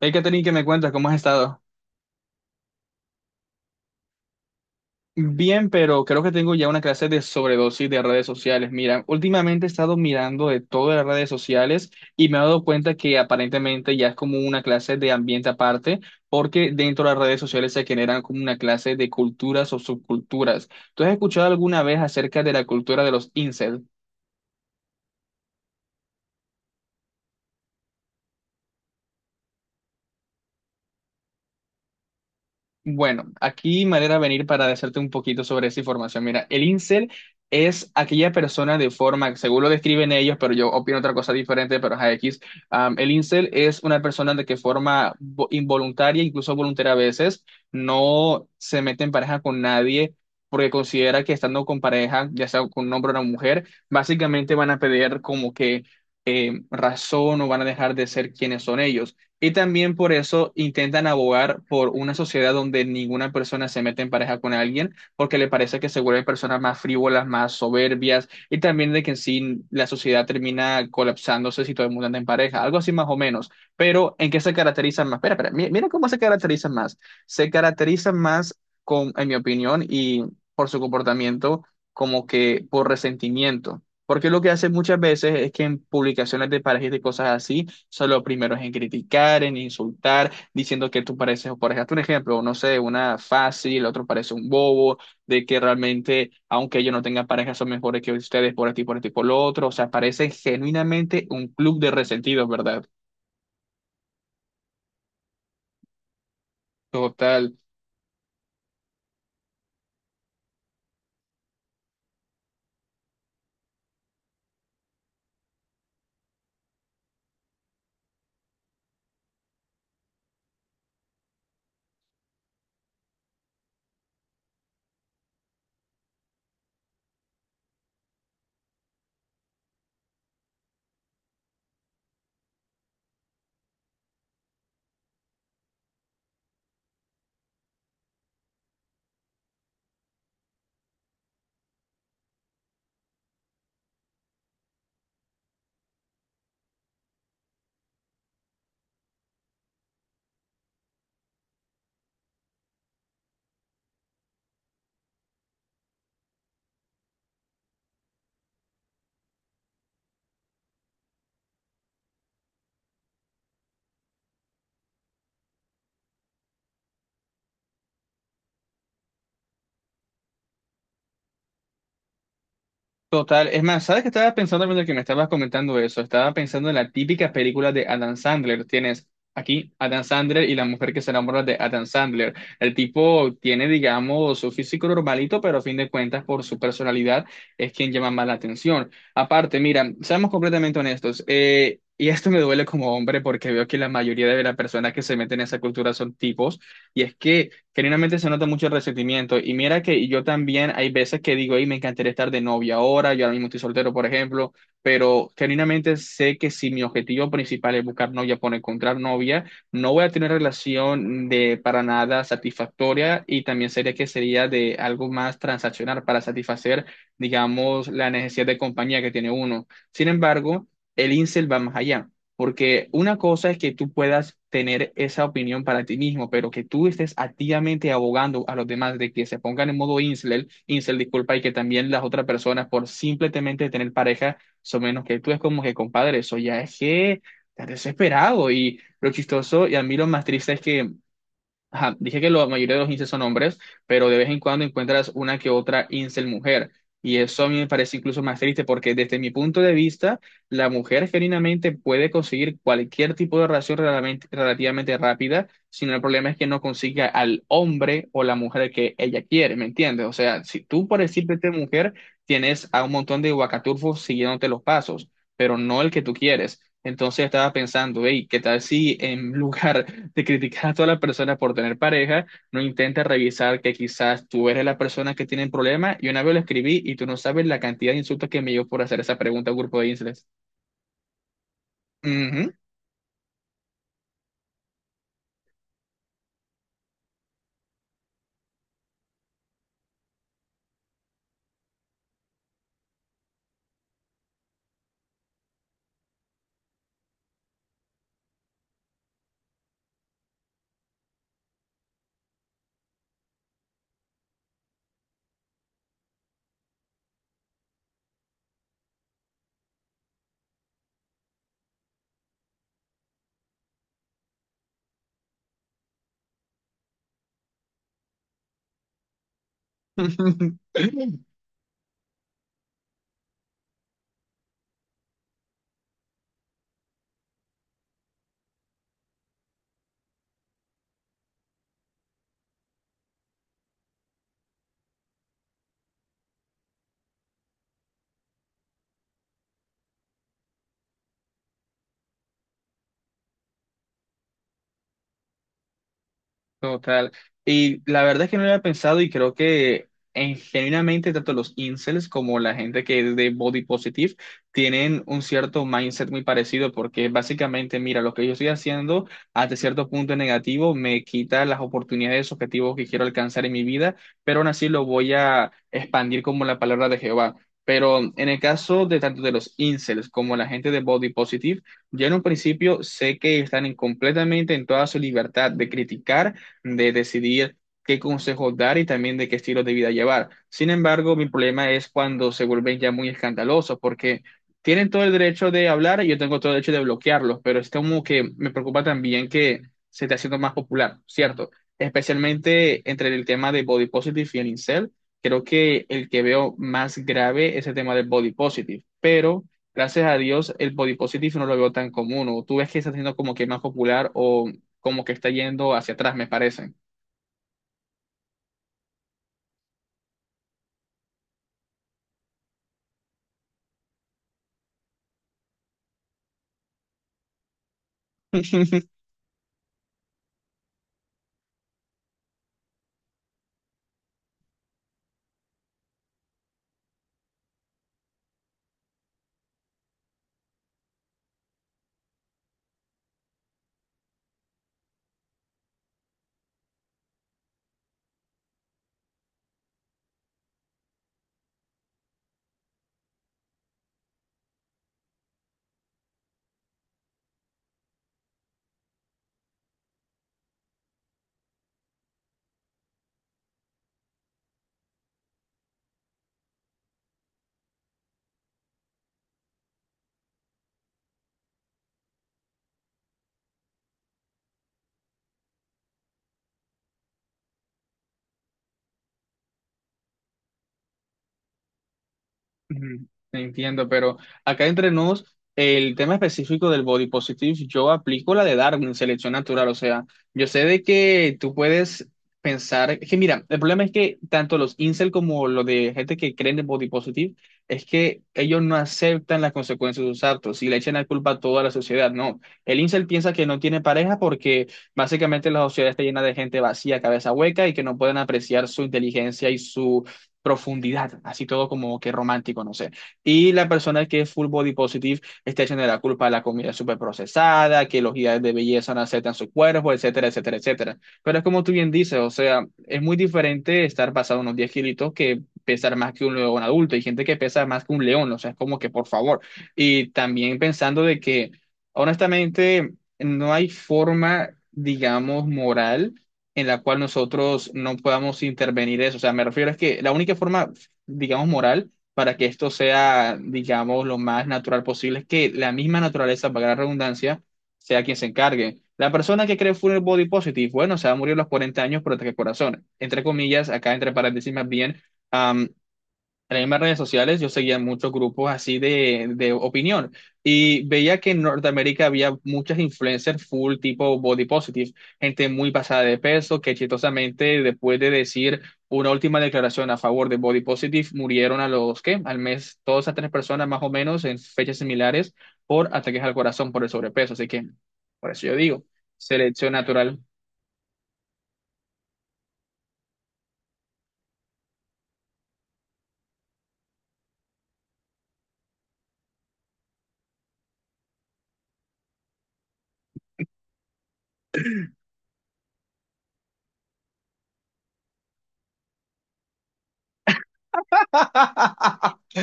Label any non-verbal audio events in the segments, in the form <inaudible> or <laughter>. Hey, Katherine, ¿qué me cuentas? ¿Cómo has estado? Bien, pero creo que tengo ya una clase de sobredosis de redes sociales. Mira, últimamente he estado mirando de todas las redes sociales y me he dado cuenta que aparentemente ya es como una clase de ambiente aparte, porque dentro de las redes sociales se generan como una clase de culturas o subculturas. ¿Tú has escuchado alguna vez acerca de la cultura de los incels? Bueno, aquí manera venir para decirte un poquito sobre esa información. Mira, el incel es aquella persona de forma, según lo describen ellos, pero yo opino otra cosa diferente, pero es X. El incel es una persona de que forma involuntaria, incluso voluntaria a veces, no se mete en pareja con nadie porque considera que estando con pareja, ya sea con un hombre o una mujer, básicamente van a pedir como que razón o van a dejar de ser quienes son ellos. Y también por eso intentan abogar por una sociedad donde ninguna persona se mete en pareja con alguien, porque le parece que se vuelven personas más frívolas, más soberbias, y también de que en sí la sociedad termina colapsándose si todo el mundo anda en pareja, algo así más o menos. Pero ¿en qué se caracterizan más? Espera, espera, mira cómo se caracterizan más. Se caracterizan más con, en mi opinión, y por su comportamiento, como que por resentimiento. Porque lo que hacen muchas veces es que en publicaciones de parejas y de cosas así, sea, lo primero es en criticar, en insultar, diciendo que tú pareces, por ejemplo, un ejemplo, no sé, una fácil, el otro parece un bobo, de que realmente, aunque ellos no tengan pareja, son mejores que ustedes por esto y por esto y por lo otro. O sea, parece genuinamente un club de resentidos, ¿verdad? Total. Total, es más, ¿sabes qué estaba pensando mientras que me estabas comentando eso? Estaba pensando en la típica película de Adam Sandler. Tienes aquí Adam Sandler y la mujer que se enamora de Adam Sandler. El tipo tiene, digamos, su físico normalito, pero a fin de cuentas, por su personalidad, es quien llama más la atención. Aparte, mira, seamos completamente honestos, y esto me duele como hombre porque veo que la mayoría de las personas que se meten en esa cultura son tipos. Y es que genuinamente se nota mucho el resentimiento. Y mira que yo también hay veces que digo, hey, me encantaría estar de novia ahora, yo ahora mismo estoy soltero, por ejemplo, pero genuinamente sé que si mi objetivo principal es buscar novia por encontrar novia, no voy a tener relación de para nada satisfactoria y también sería que sería de algo más transaccional para satisfacer, digamos, la necesidad de compañía que tiene uno. Sin embargo, el incel va más allá. Porque una cosa es que tú puedas tener esa opinión para ti mismo, pero que tú estés activamente abogando a los demás de que se pongan en modo incel, incel, disculpa, y que también las otras personas por simplemente tener pareja son menos que tú, es como que, compadre, eso ya es que estás desesperado. Y lo chistoso y a mí lo más triste es que ajá, dije que la mayoría de los incels son hombres, pero de vez en cuando encuentras una que otra incel mujer. Y eso a mí me parece incluso más triste porque desde mi punto de vista, la mujer genuinamente puede conseguir cualquier tipo de relación relativamente rápida, sino el problema es que no consiga al hombre o la mujer que ella quiere, ¿me entiendes? O sea, si tú por decirte mujer, tienes a un montón de guacaturfos siguiéndote los pasos, pero no el que tú quieres. Entonces estaba pensando, hey, ¿qué tal si en <laughs> lugar te criticas a toda la persona por tener pareja, no intentes revisar que quizás tú eres la persona que tiene el problema. Y una vez lo escribí y tú no sabes la cantidad de insultos que me dio por hacer esa pregunta a un grupo de islas. Ujú. <laughs> Total. Y la verdad es que no lo había pensado y creo que en, genuinamente tanto los incels como la gente que es de body positive tienen un cierto mindset muy parecido porque básicamente, mira, lo que yo estoy haciendo hasta cierto punto es negativo me quita las oportunidades, objetivos que quiero alcanzar en mi vida, pero aún así lo voy a expandir como la palabra de Jehová. Pero en el caso de tanto de los incels como la gente de body positive, yo en un principio sé que están completamente en toda su libertad de criticar de decidir qué consejos dar y también de qué estilo de vida llevar. Sin embargo, mi problema es cuando se vuelven ya muy escandalosos, porque tienen todo el derecho de hablar y yo tengo todo el derecho de bloquearlos, pero es como que me preocupa también que se esté haciendo más popular, ¿cierto? Especialmente entre el tema de body positive y el incel, creo que el que veo más grave es el tema del body positive, pero gracias a Dios el body positive no lo veo tan común, o tú ves que está siendo como que más popular o como que está yendo hacia atrás, me parece. <laughs> Ujú, entiendo, pero acá entre nos, el tema específico del body positive, yo aplico la de Darwin, selección natural. O sea, yo sé de que tú puedes pensar, es que mira, el problema es que tanto los incel como lo de gente que creen en body positive, es que ellos no aceptan las consecuencias de sus actos y le echan la culpa a toda la sociedad. No, el incel piensa que no tiene pareja porque básicamente la sociedad está llena de gente vacía, cabeza hueca y que no pueden apreciar su inteligencia y su profundidad, así todo como que romántico, no sé. Y la persona que es full body positive está echando la culpa a la comida súper procesada, que los ideales de belleza no aceptan su cuerpo, etcétera, etcétera, etcétera. Pero es como tú bien dices, o sea, es muy diferente estar pasado unos 10 kilitos que pesar más que un león adulto. Hay gente que pesa más que un león, o sea, es como que por favor. Y también pensando de que, honestamente, no hay forma, digamos, moral en la cual nosotros no podamos intervenir eso. O sea, me refiero a que la única forma, digamos, moral para que esto sea, digamos, lo más natural posible es que la misma naturaleza, para la redundancia, sea quien se encargue. La persona que cree full body positive, bueno, se va a morir a los 40 años, pero ataque al corazón. Entre comillas, acá entre paréntesis más bien, am, en las mismas redes sociales yo seguía muchos grupos así de opinión y veía que en Norteamérica había muchas influencers full tipo body positive, gente muy pasada de peso que chistosamente después de decir una última declaración a favor de body positive murieron a los que al mes todas esas tres personas más o menos en fechas similares por ataques al corazón por el sobrepeso, así que por eso yo digo, selección natural.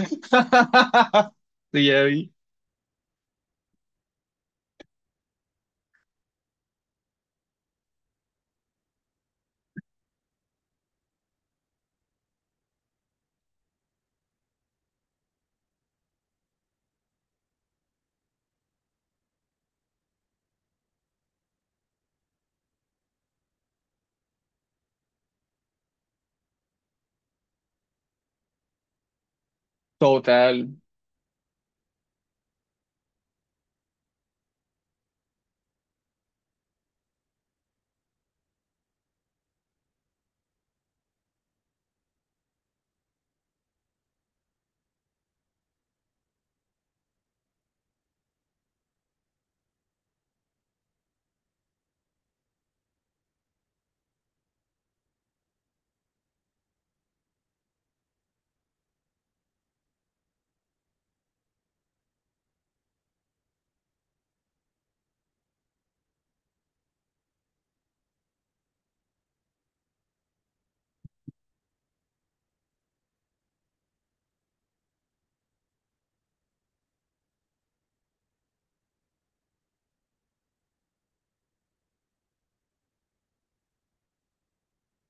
<laughs> Sí, ya vi. Total.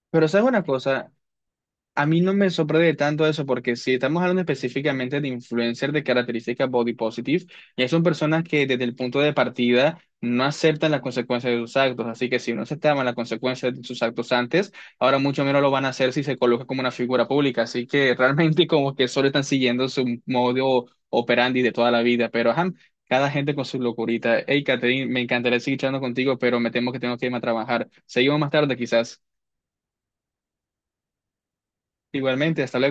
Pero sabes una cosa, a mí no me sorprende tanto eso, porque si estamos hablando específicamente de influencers de características body positive, ya son personas que desde el punto de partida no aceptan las consecuencias de sus actos. Así que si no aceptaban las consecuencias de sus actos antes, ahora mucho menos lo van a hacer si se coloca como una figura pública. Así que realmente <laughs> como que solo están siguiendo su modo operandi de toda la vida. Pero ajá, cada gente con su locurita. Hey, Catherine, me encantaría seguir charlando contigo, pero me temo que tengo que irme a trabajar. Seguimos más tarde quizás. Igualmente, hasta luego.